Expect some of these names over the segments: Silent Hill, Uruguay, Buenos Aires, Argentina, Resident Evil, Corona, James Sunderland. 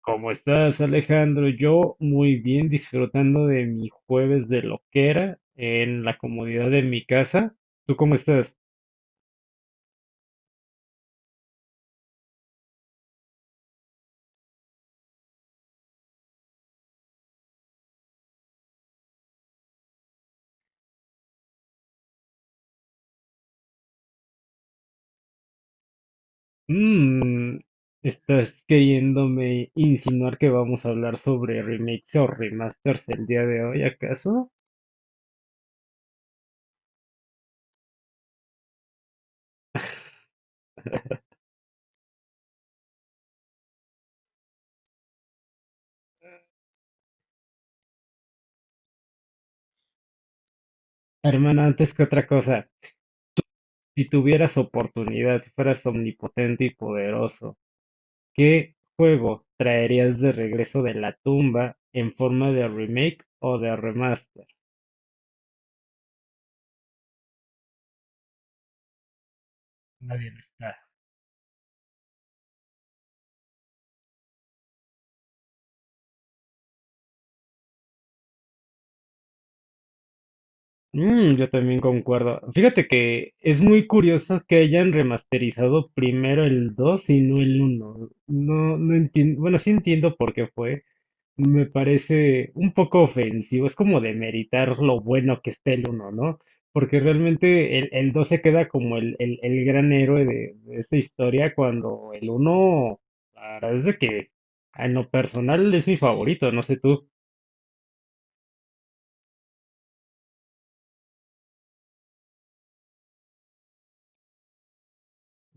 ¿Cómo estás, Alejandro? Yo muy bien, disfrutando de mi jueves de loquera en la comodidad de mi casa. ¿Tú cómo estás? Mm, estás queriéndome insinuar que vamos a hablar sobre remakes o remasters el día de hoy, ¿acaso? Hermano, antes que otra cosa, si tuvieras oportunidad, si fueras omnipotente y poderoso, ¿qué juego traerías de regreso de la tumba en forma de remake o de remaster? Nadie lo está. Yo también concuerdo. Fíjate que es muy curioso que hayan remasterizado primero el 2 y no el uno. No, no entiendo, bueno, sí entiendo por qué fue. Me parece un poco ofensivo. Es como demeritar lo bueno que está el uno, ¿no? Porque realmente el 2 se queda como el gran héroe de esta historia. Cuando el uno, la verdad es de que en lo personal es mi favorito, no sé tú.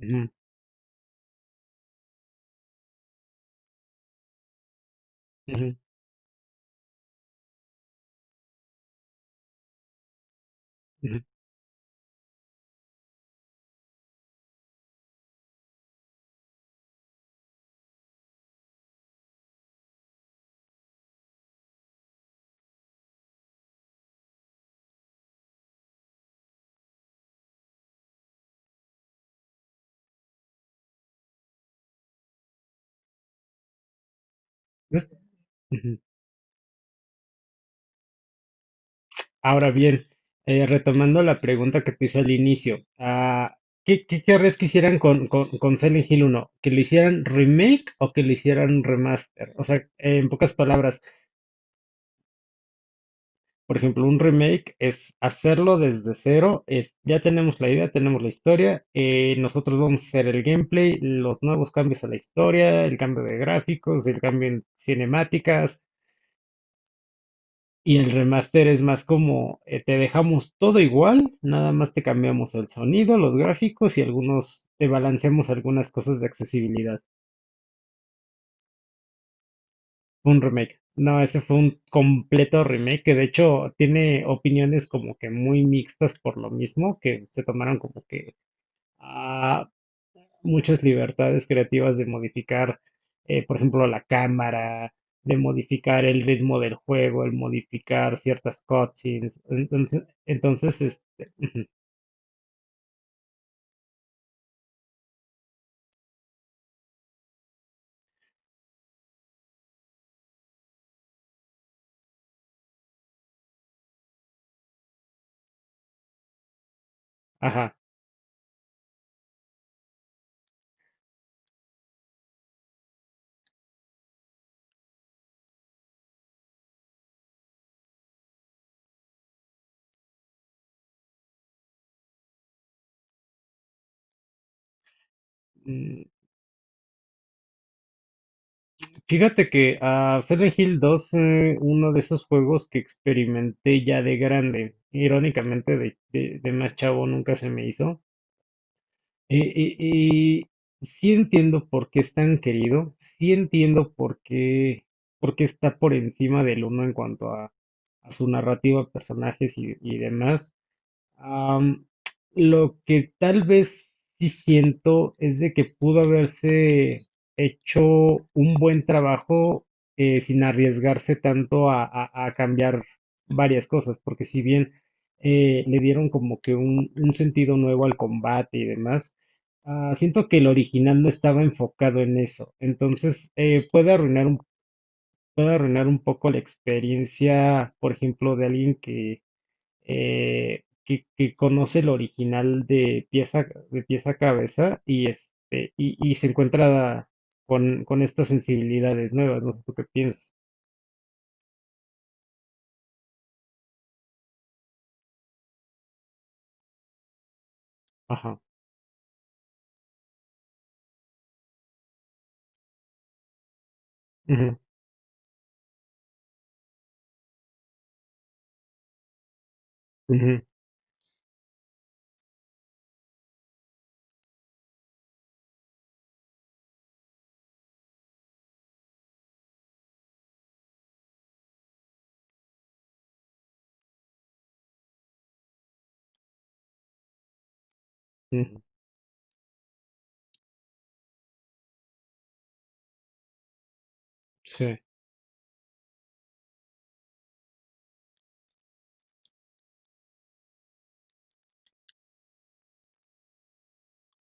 Ujú, ujú, ujú. ¿Ves? Ujú. Ahora bien, retomando la pregunta que te hice al inicio, ¿qué querrías que hicieran con Silent Hill uno? ¿Que lo hicieran remake o que lo hicieran remaster? O sea, en pocas palabras, por ejemplo, un remake es hacerlo desde cero, es ya tenemos la idea, tenemos la historia, nosotros vamos a hacer el gameplay, los nuevos cambios a la historia, el cambio de gráficos, el cambio en cinemáticas. Y el remaster es más como, te dejamos todo igual, nada más te cambiamos el sonido, los gráficos y algunos, te balanceamos algunas cosas de accesibilidad. Fue un remake. No, ese fue un completo remake que de hecho tiene opiniones como que muy mixtas por lo mismo, que se tomaron como que, ah, muchas libertades creativas de modificar, por ejemplo, la cámara, de modificar el ritmo del juego, el modificar ciertas cutscenes. Entonces, ujú, ajá. Mm, Fíjate que a Silent Hill 2 fue uno de esos juegos que experimenté ya de grande. Irónicamente, de más chavo nunca se me hizo. Eh, eh, eh, sí entiendo por qué es tan querido, sí entiendo por qué está por encima del uno en cuanto a su narrativa, personajes y demás. Am, lo que tal vez sí siento es de que pudo haberse hecho un buen trabajo, sin arriesgarse tanto a cambiar varias cosas, porque si bien le dieron como que un sentido nuevo al combate y demás, siento que el original no estaba enfocado en eso, entonces puede arruinar un poco la experiencia, por ejemplo, de alguien que conoce el original de pieza a cabeza y se encuentra con estas sensibilidades nuevas, no sé tú qué piensas. Ajá. Ujú, ujú, ujú, sí.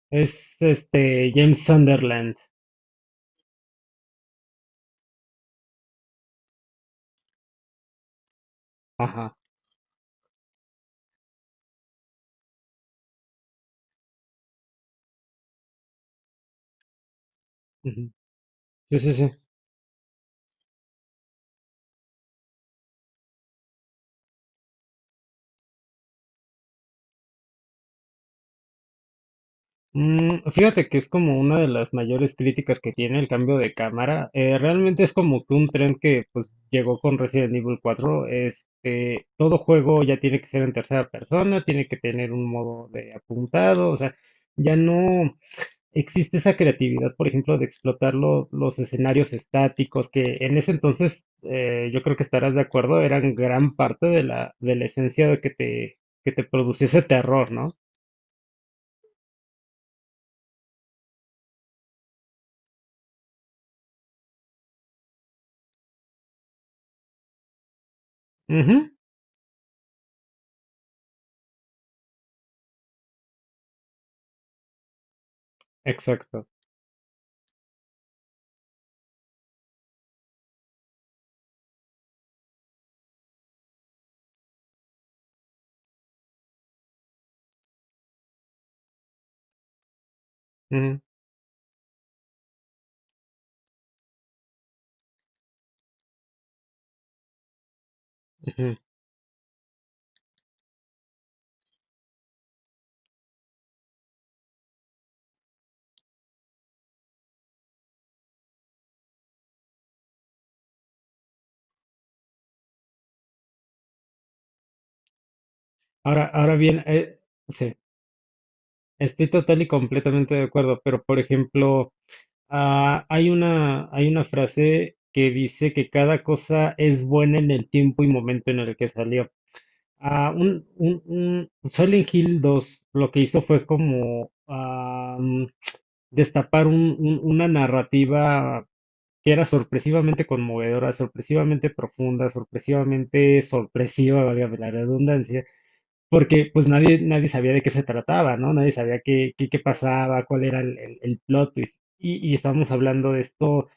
Es este James Sunderland. Ajá. Ujú. Sí, sí, sí. Fíjate que es como una de las mayores críticas que tiene el cambio de cámara. Realmente es como que un tren que pues llegó con Resident Evil cuatro. Todo juego ya tiene que ser en tercera persona, tiene que tener un modo de apuntado, o sea, ya no existe esa creatividad, por ejemplo, de explotar los escenarios estáticos que en ese entonces, yo creo que estarás de acuerdo, eran gran parte de la esencia de que te, produciese terror, ¿no? Ujú, exacto. Ujú. Ahora bien, sí, estoy total y completamente de acuerdo, pero por ejemplo, hay una frase que dice que cada cosa es buena en el tiempo y momento en el que salió. Un Silent Hill 2, lo que hizo fue como destapar una narrativa que era sorpresivamente conmovedora, sorpresivamente profunda, sorpresivamente sorpresiva, valga la redundancia, porque pues nadie sabía de qué se trataba, ¿no? Nadie sabía qué pasaba, cuál era el plot twist. Y estábamos hablando de esto,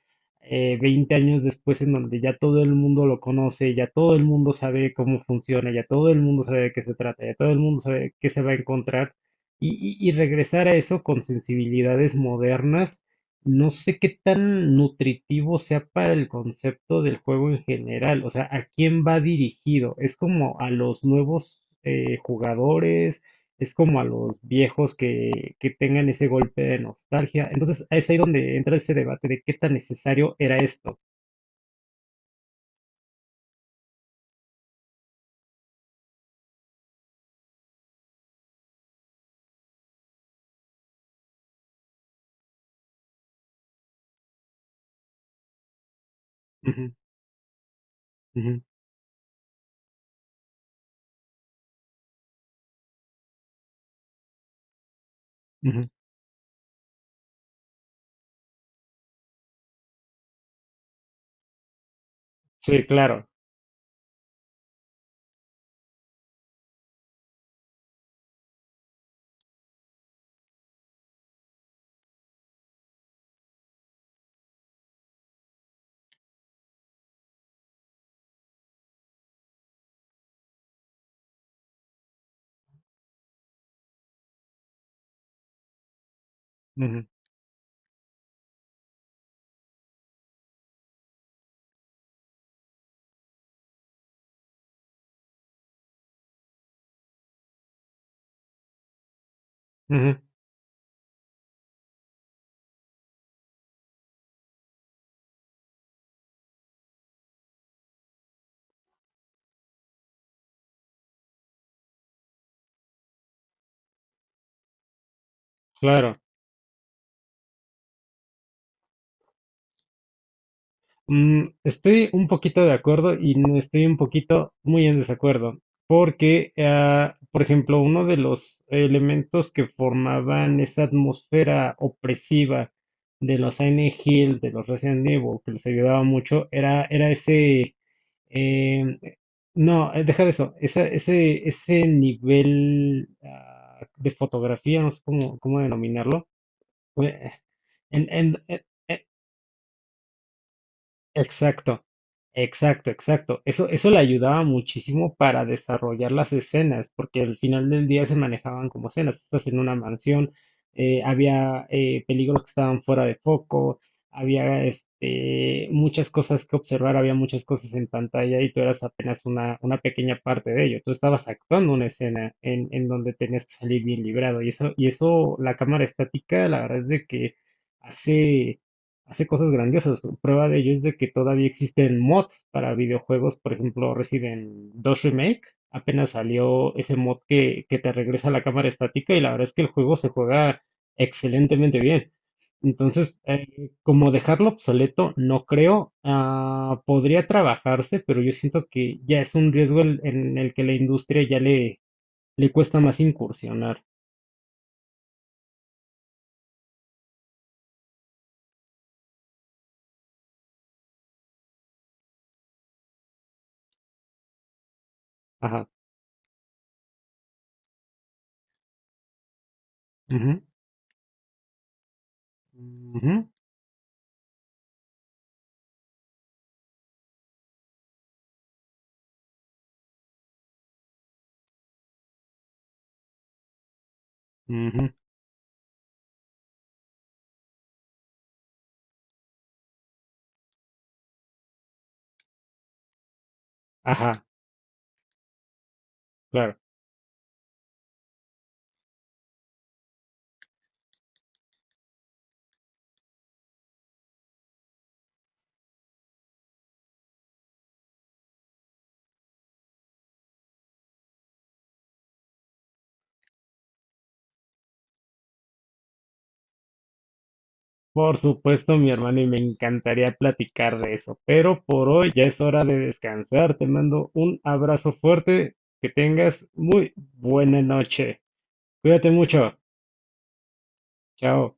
20 años después, en donde ya todo el mundo lo conoce, ya todo el mundo sabe cómo funciona, ya todo el mundo sabe de qué se trata, ya todo el mundo sabe qué se va a encontrar. Y, y regresar a eso con sensibilidades modernas, no sé qué tan nutritivo sea para el concepto del juego en general, o sea, ¿a quién va dirigido? ¿Es como a los nuevos jugadores? ¿Es como a los viejos que tengan ese golpe de nostalgia? Entonces, es ahí donde entra ese debate de qué tan necesario era esto. Ujú, ujú, ujú. Sí, claro. Ujú, ujú, claro. Estoy un poquito de acuerdo y no estoy un poquito muy en desacuerdo, porque, por ejemplo, uno de los elementos que formaban esa atmósfera opresiva de los Silent Hill, de los Resident Evil, que les ayudaba mucho, era ese, em, no, deja de eso, esa- ese nivel, de fotografía, no sé cómo denominarlo. eh, en, en- e- Exacto, exacto, exacto. Eso le ayudaba muchísimo para desarrollar las escenas, porque al final del día se manejaban como escenas. Estás en una mansión, había peligros que estaban fuera de foco, había muchas cosas que observar, había muchas cosas en pantalla y tú eras apenas una pequeña parte de ello. Tú estabas actuando una escena en donde tenías que salir bien librado, y eso, la cámara estática, la verdad es de que hace hace cosas grandiosas. Prueba de ello es de que todavía existen mods para videojuegos, por ejemplo, Resident dos Remake. Apenas salió ese mod que te regresa la cámara estática y la verdad es que el juego se juega excelentemente bien. Entonces, como dejarlo obsoleto, no creo. Podría trabajarse, pero yo siento que ya es un riesgo en el que la industria ya le cuesta más incursionar. Ajá. Ujú, ujú, ujú, ajá, claro. Por supuesto, mi hermano, y me encantaría platicar de eso, pero por hoy ya es hora de descansar. Te mando un abrazo fuerte, que tengas muy buena noche. Cuídate mucho. Chao.